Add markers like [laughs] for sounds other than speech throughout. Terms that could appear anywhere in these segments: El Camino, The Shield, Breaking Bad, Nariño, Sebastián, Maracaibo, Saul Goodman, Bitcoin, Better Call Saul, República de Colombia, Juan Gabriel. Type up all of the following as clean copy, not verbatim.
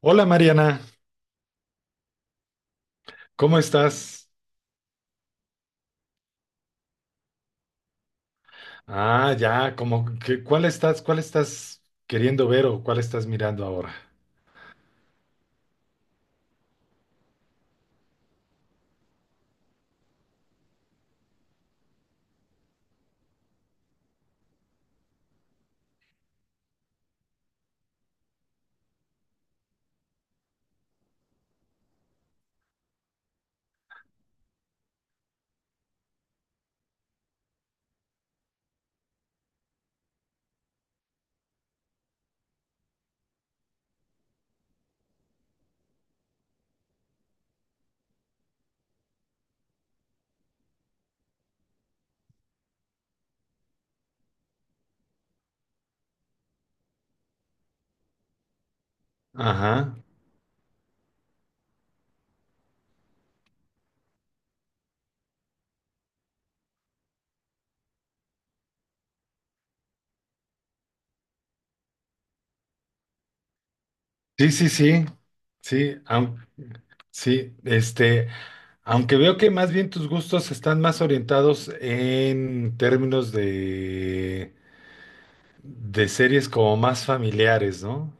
Hola Mariana, ¿cómo estás? Ah, ya, como que, cuál estás queriendo ver o cuál estás mirando ahora? Ajá. Sí, sí, sí. Sí, sí, este, aunque veo que más bien tus gustos están más orientados en términos de series como más familiares, ¿no?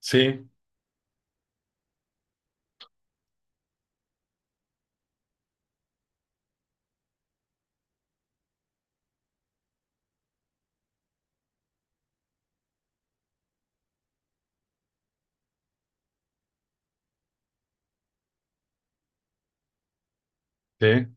Sí, sí.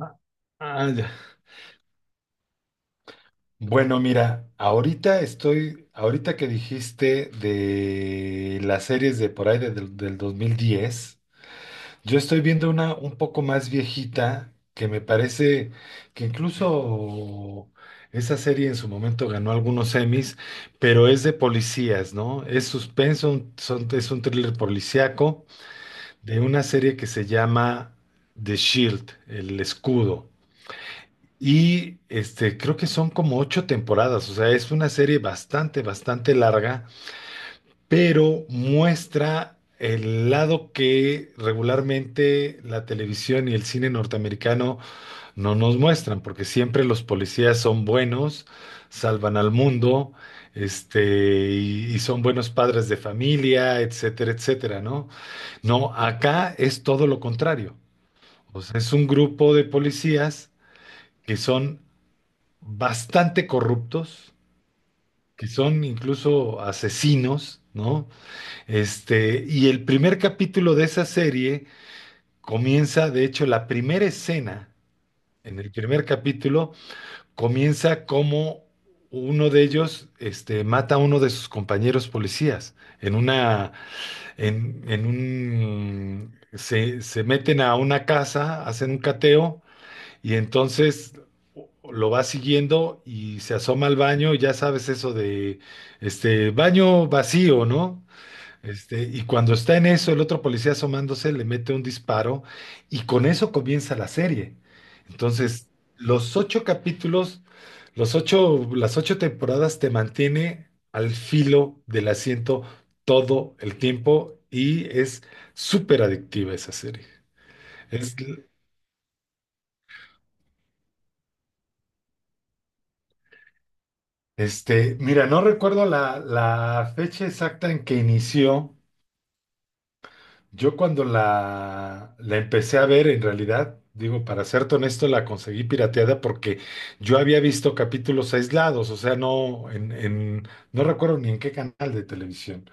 Ah, ya. Bueno, mira, ahorita que dijiste de las series de por ahí del 2010. Yo estoy viendo una un poco más viejita que me parece que incluso esa serie en su momento ganó algunos Emmys, pero es de policías, ¿no? Es suspenso, es un thriller policíaco de una serie que se llama The Shield, el escudo. Y creo que son como ocho temporadas, o sea, es una serie bastante, bastante larga, pero muestra el lado que regularmente la televisión y el cine norteamericano no nos muestran, porque siempre los policías son buenos, salvan al mundo, y son buenos padres de familia, etcétera, etcétera, ¿no? No, acá es todo lo contrario. O sea, es un grupo de policías que son bastante corruptos, que son incluso asesinos, ¿no? Y el primer capítulo de esa serie comienza, de hecho, la primera escena en el primer capítulo comienza como uno de ellos mata a uno de sus compañeros policías en una, en un, se meten a una casa, hacen un cateo. Y entonces lo va siguiendo y se asoma al baño, y ya sabes eso de este baño vacío, ¿no? Y cuando está en eso, el otro policía asomándose le mete un disparo y con eso comienza la serie. Entonces, los ocho capítulos, los ocho, las ocho temporadas te mantiene al filo del asiento todo el tiempo y es súper adictiva esa serie. Es, Mira, no recuerdo la fecha exacta en que inició, yo cuando la empecé a ver, en realidad, digo, para serte honesto, la conseguí pirateada porque yo había visto capítulos aislados, o sea, no recuerdo ni en qué canal de televisión.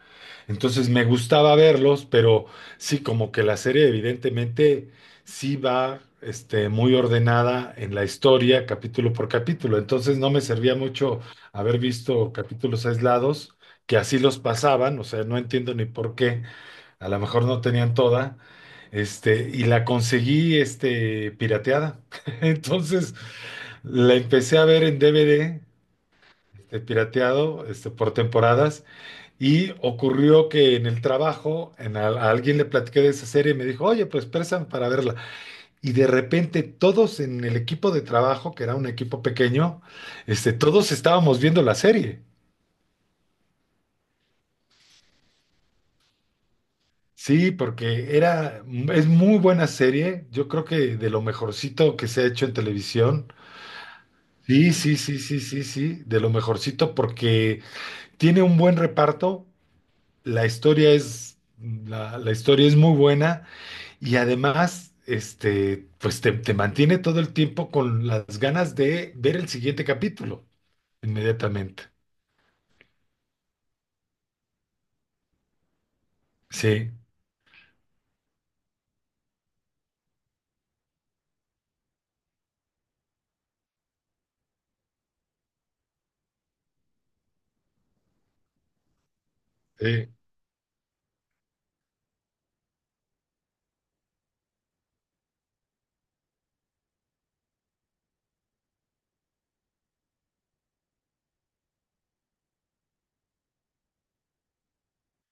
Entonces me gustaba verlos, pero sí, como que la serie evidentemente sí va, muy ordenada en la historia, capítulo por capítulo. Entonces no me servía mucho haber visto capítulos aislados, que así los pasaban, o sea, no entiendo ni por qué a lo mejor no tenían toda. Y la conseguí, pirateada. [laughs] Entonces, la empecé a ver en DVD, pirateado, por temporadas. Y ocurrió que en el trabajo, alguien le platiqué de esa serie y me dijo, oye, pues préstame para verla. Y de repente todos en el equipo de trabajo, que era un equipo pequeño, todos estábamos viendo la serie. Sí, porque es muy buena serie. Yo creo que de lo mejorcito que se ha hecho en televisión. Sí, sí, sí, sí, sí, sí, de lo mejorcito porque tiene un buen reparto. La, la historia es muy buena y además, pues te mantiene todo el tiempo con las ganas de ver el siguiente capítulo inmediatamente. Sí, sí,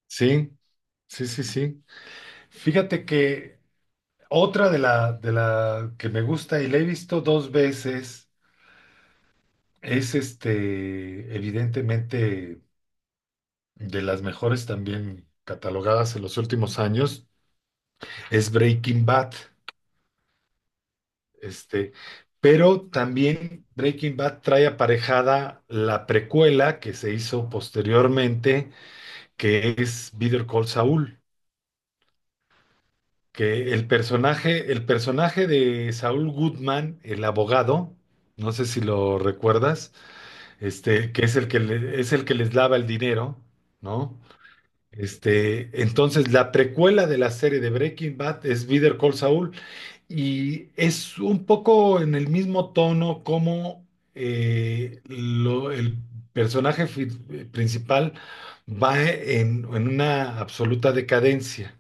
sí, sí, sí, sí. Fíjate que otra de la que me gusta y la he visto dos veces es evidentemente, de las mejores también catalogadas en los últimos años, es Breaking Bad. Este, pero también Breaking Bad trae aparejada la precuela que se hizo posteriormente, que es Better Call Saul, que el personaje de Saul Goodman, el abogado, no sé si lo recuerdas, que es el que es el que les lava el dinero, ¿no? Entonces la precuela de la serie de Breaking Bad es Better Call Saul y es un poco en el mismo tono como el principal va en una absoluta decadencia,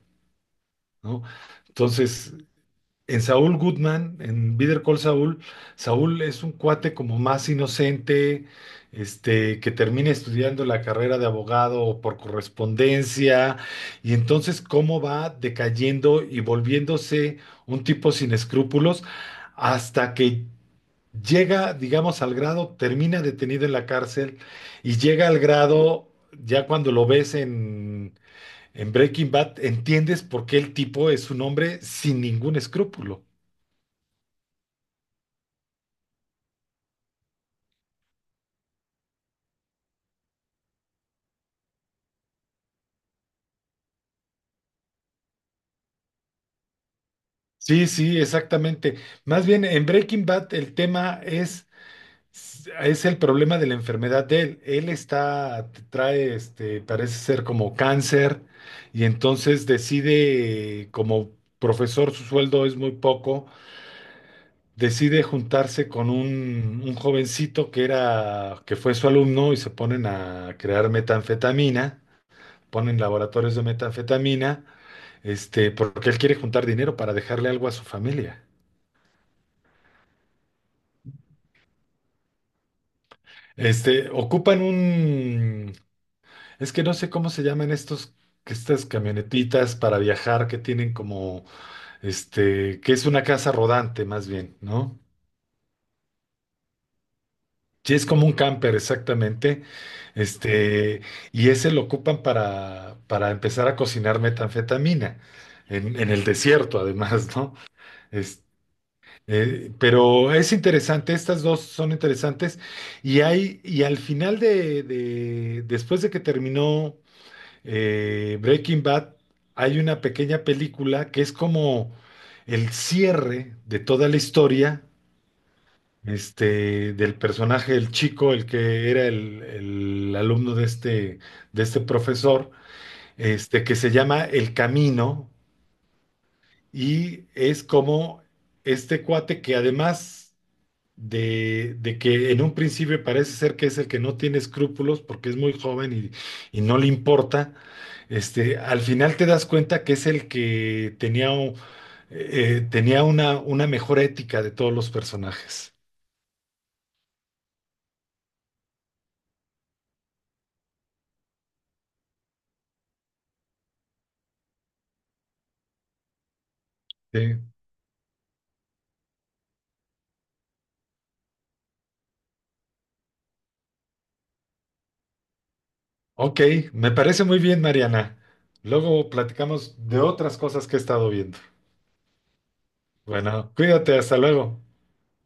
¿no? Entonces en Saúl Goodman, en Better Call Saúl, Saúl es un cuate como más inocente, que termina estudiando la carrera de abogado por correspondencia, y entonces cómo va decayendo y volviéndose un tipo sin escrúpulos hasta que llega, digamos, al grado, termina detenido en la cárcel y llega al grado, ya cuando lo ves en Breaking Bad, entiendes por qué el tipo es un hombre sin ningún escrúpulo. Sí, sí, exactamente. Más bien, en Breaking Bad es el problema de la enfermedad de él. Trae, parece ser como cáncer y entonces decide, como profesor, su sueldo es muy poco, decide juntarse con un jovencito que que fue su alumno y se ponen a crear metanfetamina, ponen laboratorios de metanfetamina, porque él quiere juntar dinero para dejarle algo a su familia. Ocupan un, es que no sé cómo se llaman estos, que estas camionetitas para viajar que tienen como, que es una casa rodante más bien, ¿no? Sí, es como un camper, exactamente. Este, y ese lo ocupan para empezar a cocinar metanfetamina en el desierto, además, ¿no? Es- pero es interesante, estas dos son interesantes. Y al final después de que terminó Breaking Bad, hay una pequeña película que es como el cierre de toda la historia, del personaje, el chico, el que era el alumno de este profesor, que se llama El Camino, y es como este cuate que además de que en un principio parece ser que es el que no tiene escrúpulos porque es muy joven y no le importa, al final te das cuenta que es el que tenía, tenía una mejor ética de todos los personajes. Sí. Ok, me parece muy bien, Mariana. Luego platicamos de otras cosas que he estado viendo. Bueno, cuídate, hasta luego.